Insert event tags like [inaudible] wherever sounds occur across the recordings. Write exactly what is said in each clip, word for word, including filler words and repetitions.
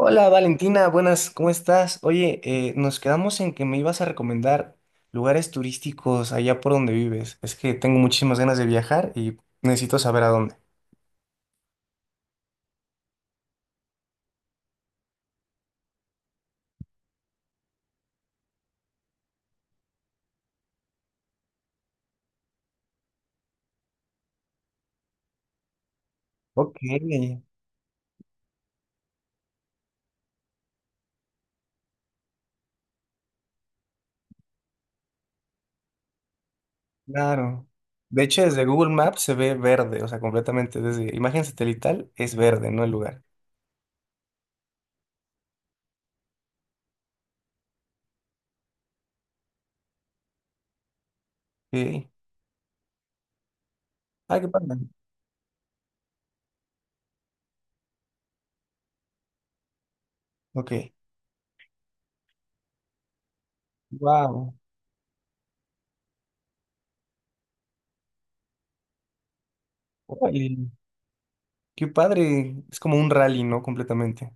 Hola Valentina, buenas, ¿cómo estás? Oye, eh, nos quedamos en que me ibas a recomendar lugares turísticos allá por donde vives. Es que tengo muchísimas ganas de viajar y necesito saber a dónde. Ok, claro. De hecho, desde Google Maps se ve verde, o sea, completamente. Desde imagen satelital es verde, no el lugar. Sí. Ah, qué padre. Ok. Wow. Qué padre. Es como un rally, ¿no? Completamente.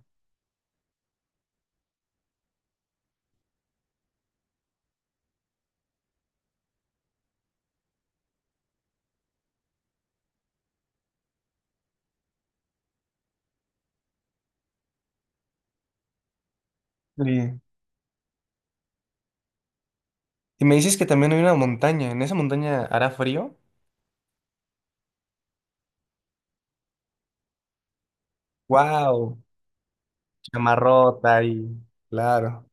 Sí. Y me dices que también hay una montaña. ¿En esa montaña hará frío? ¡Wow! Camarota y... Claro.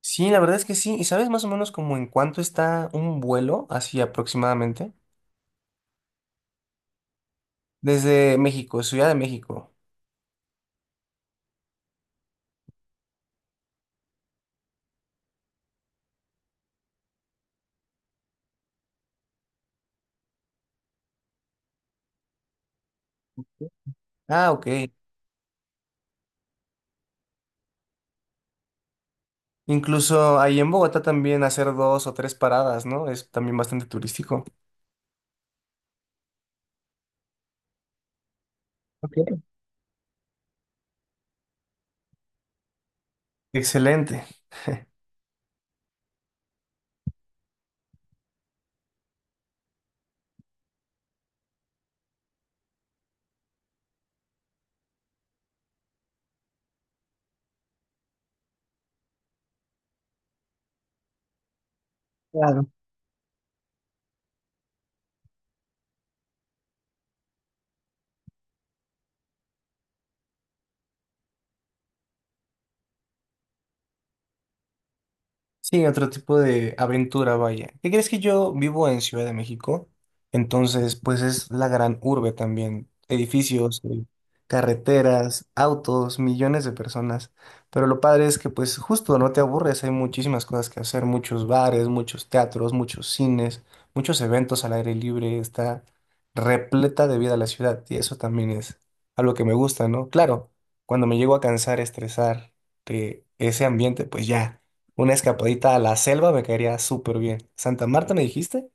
Sí, la verdad es que sí. ¿Y sabes más o menos como en cuánto está un vuelo, así aproximadamente? Desde México, Ciudad de México. Ah, ok. Incluso ahí en Bogotá también hacer dos o tres paradas, ¿no? Es también bastante turístico. Ok, excelente. Sí, otro tipo de aventura, vaya. ¿Qué crees? Que yo vivo en Ciudad de México. Entonces, pues es la gran urbe también. Edificios, eh, carreteras, autos, millones de personas. Pero lo padre es que pues justo no te aburres, hay muchísimas cosas que hacer, muchos bares, muchos teatros, muchos cines, muchos eventos al aire libre. Está repleta de vida la ciudad y eso también es algo que me gusta, ¿no? Claro, cuando me llego a cansar, estresar de ese ambiente, pues ya. Una escapadita a la selva me caería súper bien. Santa Marta, ¿me dijiste?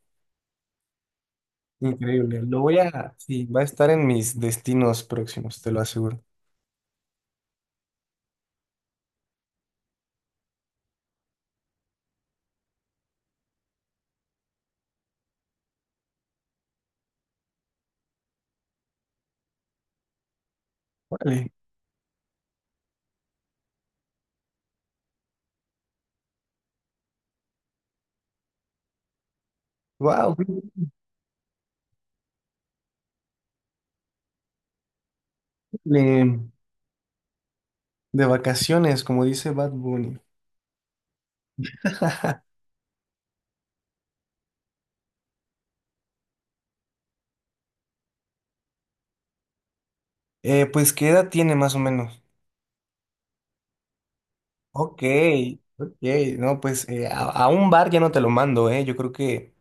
Increíble. Lo voy a... Sí, va a estar en mis destinos próximos, te lo aseguro. Vale. Wow. De vacaciones, como dice Bad Bunny. [laughs] Eh, pues, ¿qué edad tiene más o menos? Ok, ok. No, pues eh, a, a un bar ya no te lo mando, ¿eh? Yo creo que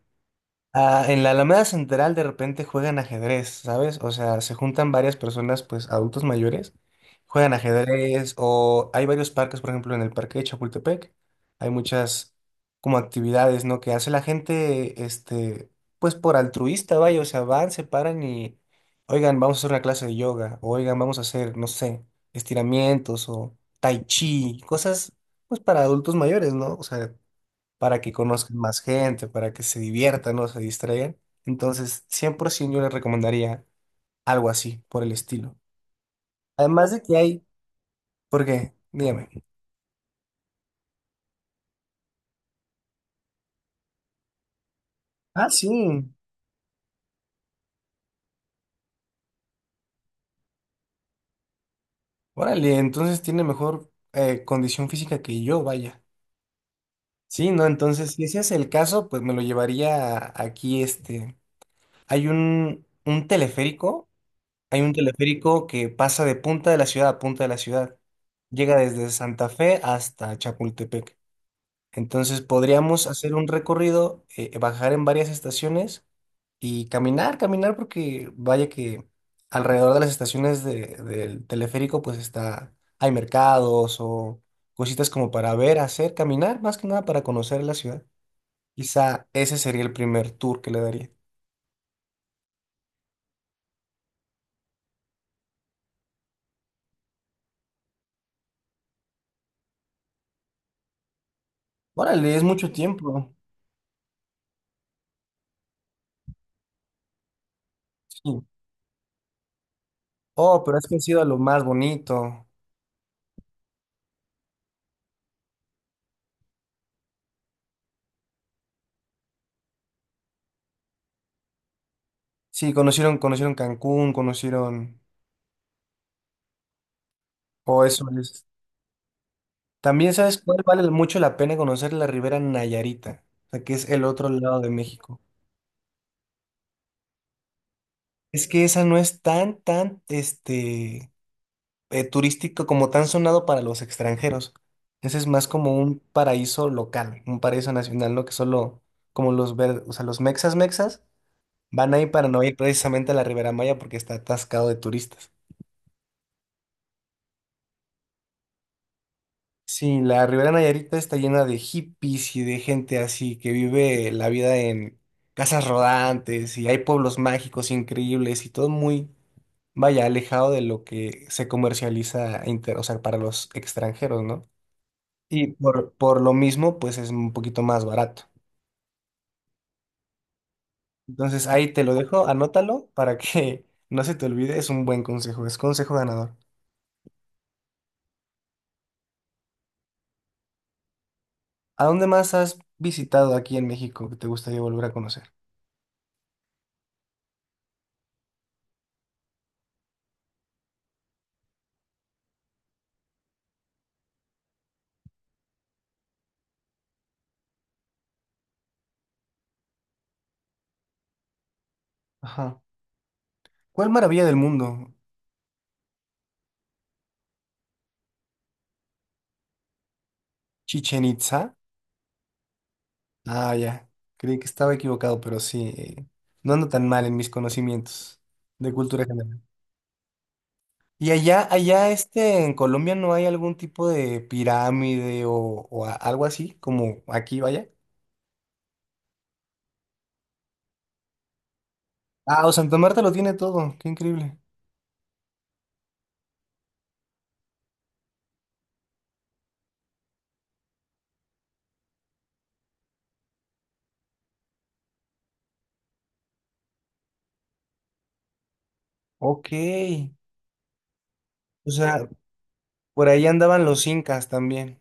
ah, en la Alameda Central de repente juegan ajedrez, ¿sabes? O sea, se juntan varias personas, pues adultos mayores, juegan ajedrez o hay varios parques, por ejemplo, en el parque de Chapultepec, hay muchas como actividades, ¿no? Que hace la gente, este, pues por altruista, vaya, o sea, van, se paran y, oigan, vamos a hacer una clase de yoga, o, oigan, vamos a hacer, no sé, estiramientos o tai chi, cosas, pues para adultos mayores, ¿no? O sea, para que conozcan más gente, para que se diviertan, ¿no? Se distraigan. Entonces, cien por ciento yo les recomendaría algo así, por el estilo. Además de que hay, ¿por qué? Dígame. Ah, sí. Órale, entonces tiene mejor eh, condición física que yo, vaya. Sí, no, entonces, si ese es el caso, pues me lo llevaría a- aquí, este. Hay un, un teleférico, hay un teleférico que pasa de punta de la ciudad a punta de la ciudad. Llega desde Santa Fe hasta Chapultepec. Entonces podríamos hacer un recorrido, eh, bajar en varias estaciones y caminar, caminar, porque vaya que alrededor de las estaciones de- del teleférico pues está, hay mercados o cositas como para ver, hacer, caminar, más que nada para conocer la ciudad. Quizá ese sería el primer tour que le daría. Órale, es mucho tiempo. Sí. Oh, pero es que ha sido lo más bonito. Sí, conocieron, conocieron Cancún, conocieron... O eso. También sabes cuál vale mucho la pena conocer: la Ribera Nayarita, o sea, que es el otro lado de México. Es que esa no es tan, tan, este, eh, turístico como tan sonado para los extranjeros. Ese es más como un paraíso local, un paraíso nacional, ¿no? Que solo como los ver, o sea, los mexas mexas van ahí para no ir precisamente a la Ribera Maya porque está atascado de turistas. Sí, la Ribera Nayarita está llena de hippies y de gente así que vive la vida en casas rodantes y hay pueblos mágicos increíbles y todo muy, vaya, alejado de lo que se comercializa inter- o sea, para los extranjeros, ¿no? Y por, por lo mismo, pues es un poquito más barato. Entonces ahí te lo dejo, anótalo para que [laughs] no se te olvide, es un buen consejo, es consejo ganador. ¿A dónde más has visitado aquí en México que te gustaría volver a conocer? Ajá. ¿Cuál maravilla del mundo? Chichen Itza. Ah, ya. Creí que estaba equivocado, pero sí. Eh, no ando tan mal en mis conocimientos de cultura general. Y allá, allá este, en Colombia no hay algún tipo de pirámide o, o a- algo así, como aquí, vaya. Ah, o Santa Marta lo tiene todo. Qué increíble. Ok. O sea, por ahí andaban los incas también.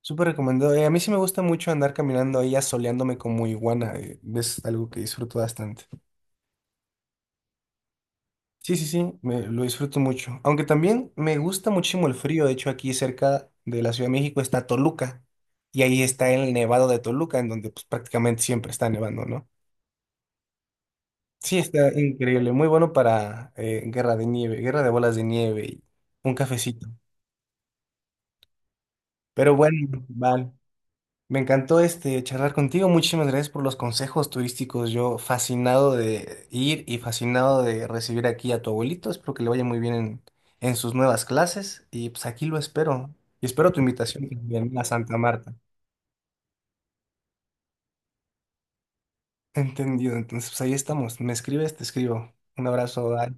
Súper recomendado. Eh, a mí sí me gusta mucho andar caminando ahí asoleándome como iguana. eh, Es algo que disfruto bastante. Sí, sí, sí, me, lo disfruto mucho. Aunque también me gusta muchísimo el frío. De hecho, aquí cerca de la Ciudad de México está Toluca. Y ahí está el nevado de Toluca, en donde pues, prácticamente siempre está nevando, ¿no? Sí, está increíble. Muy bueno para eh, guerra de nieve, guerra de bolas de nieve y un cafecito. Pero bueno, vale. Me encantó este charlar contigo. Muchísimas gracias por los consejos turísticos. Yo fascinado de ir y fascinado de recibir aquí a tu abuelito. Espero que le vaya muy bien en, en sus nuevas clases. Y pues aquí lo espero. Y espero tu invitación también a Santa Marta. Entendido. Entonces, pues ahí estamos. Me escribes, te escribo. Un abrazo. Dani.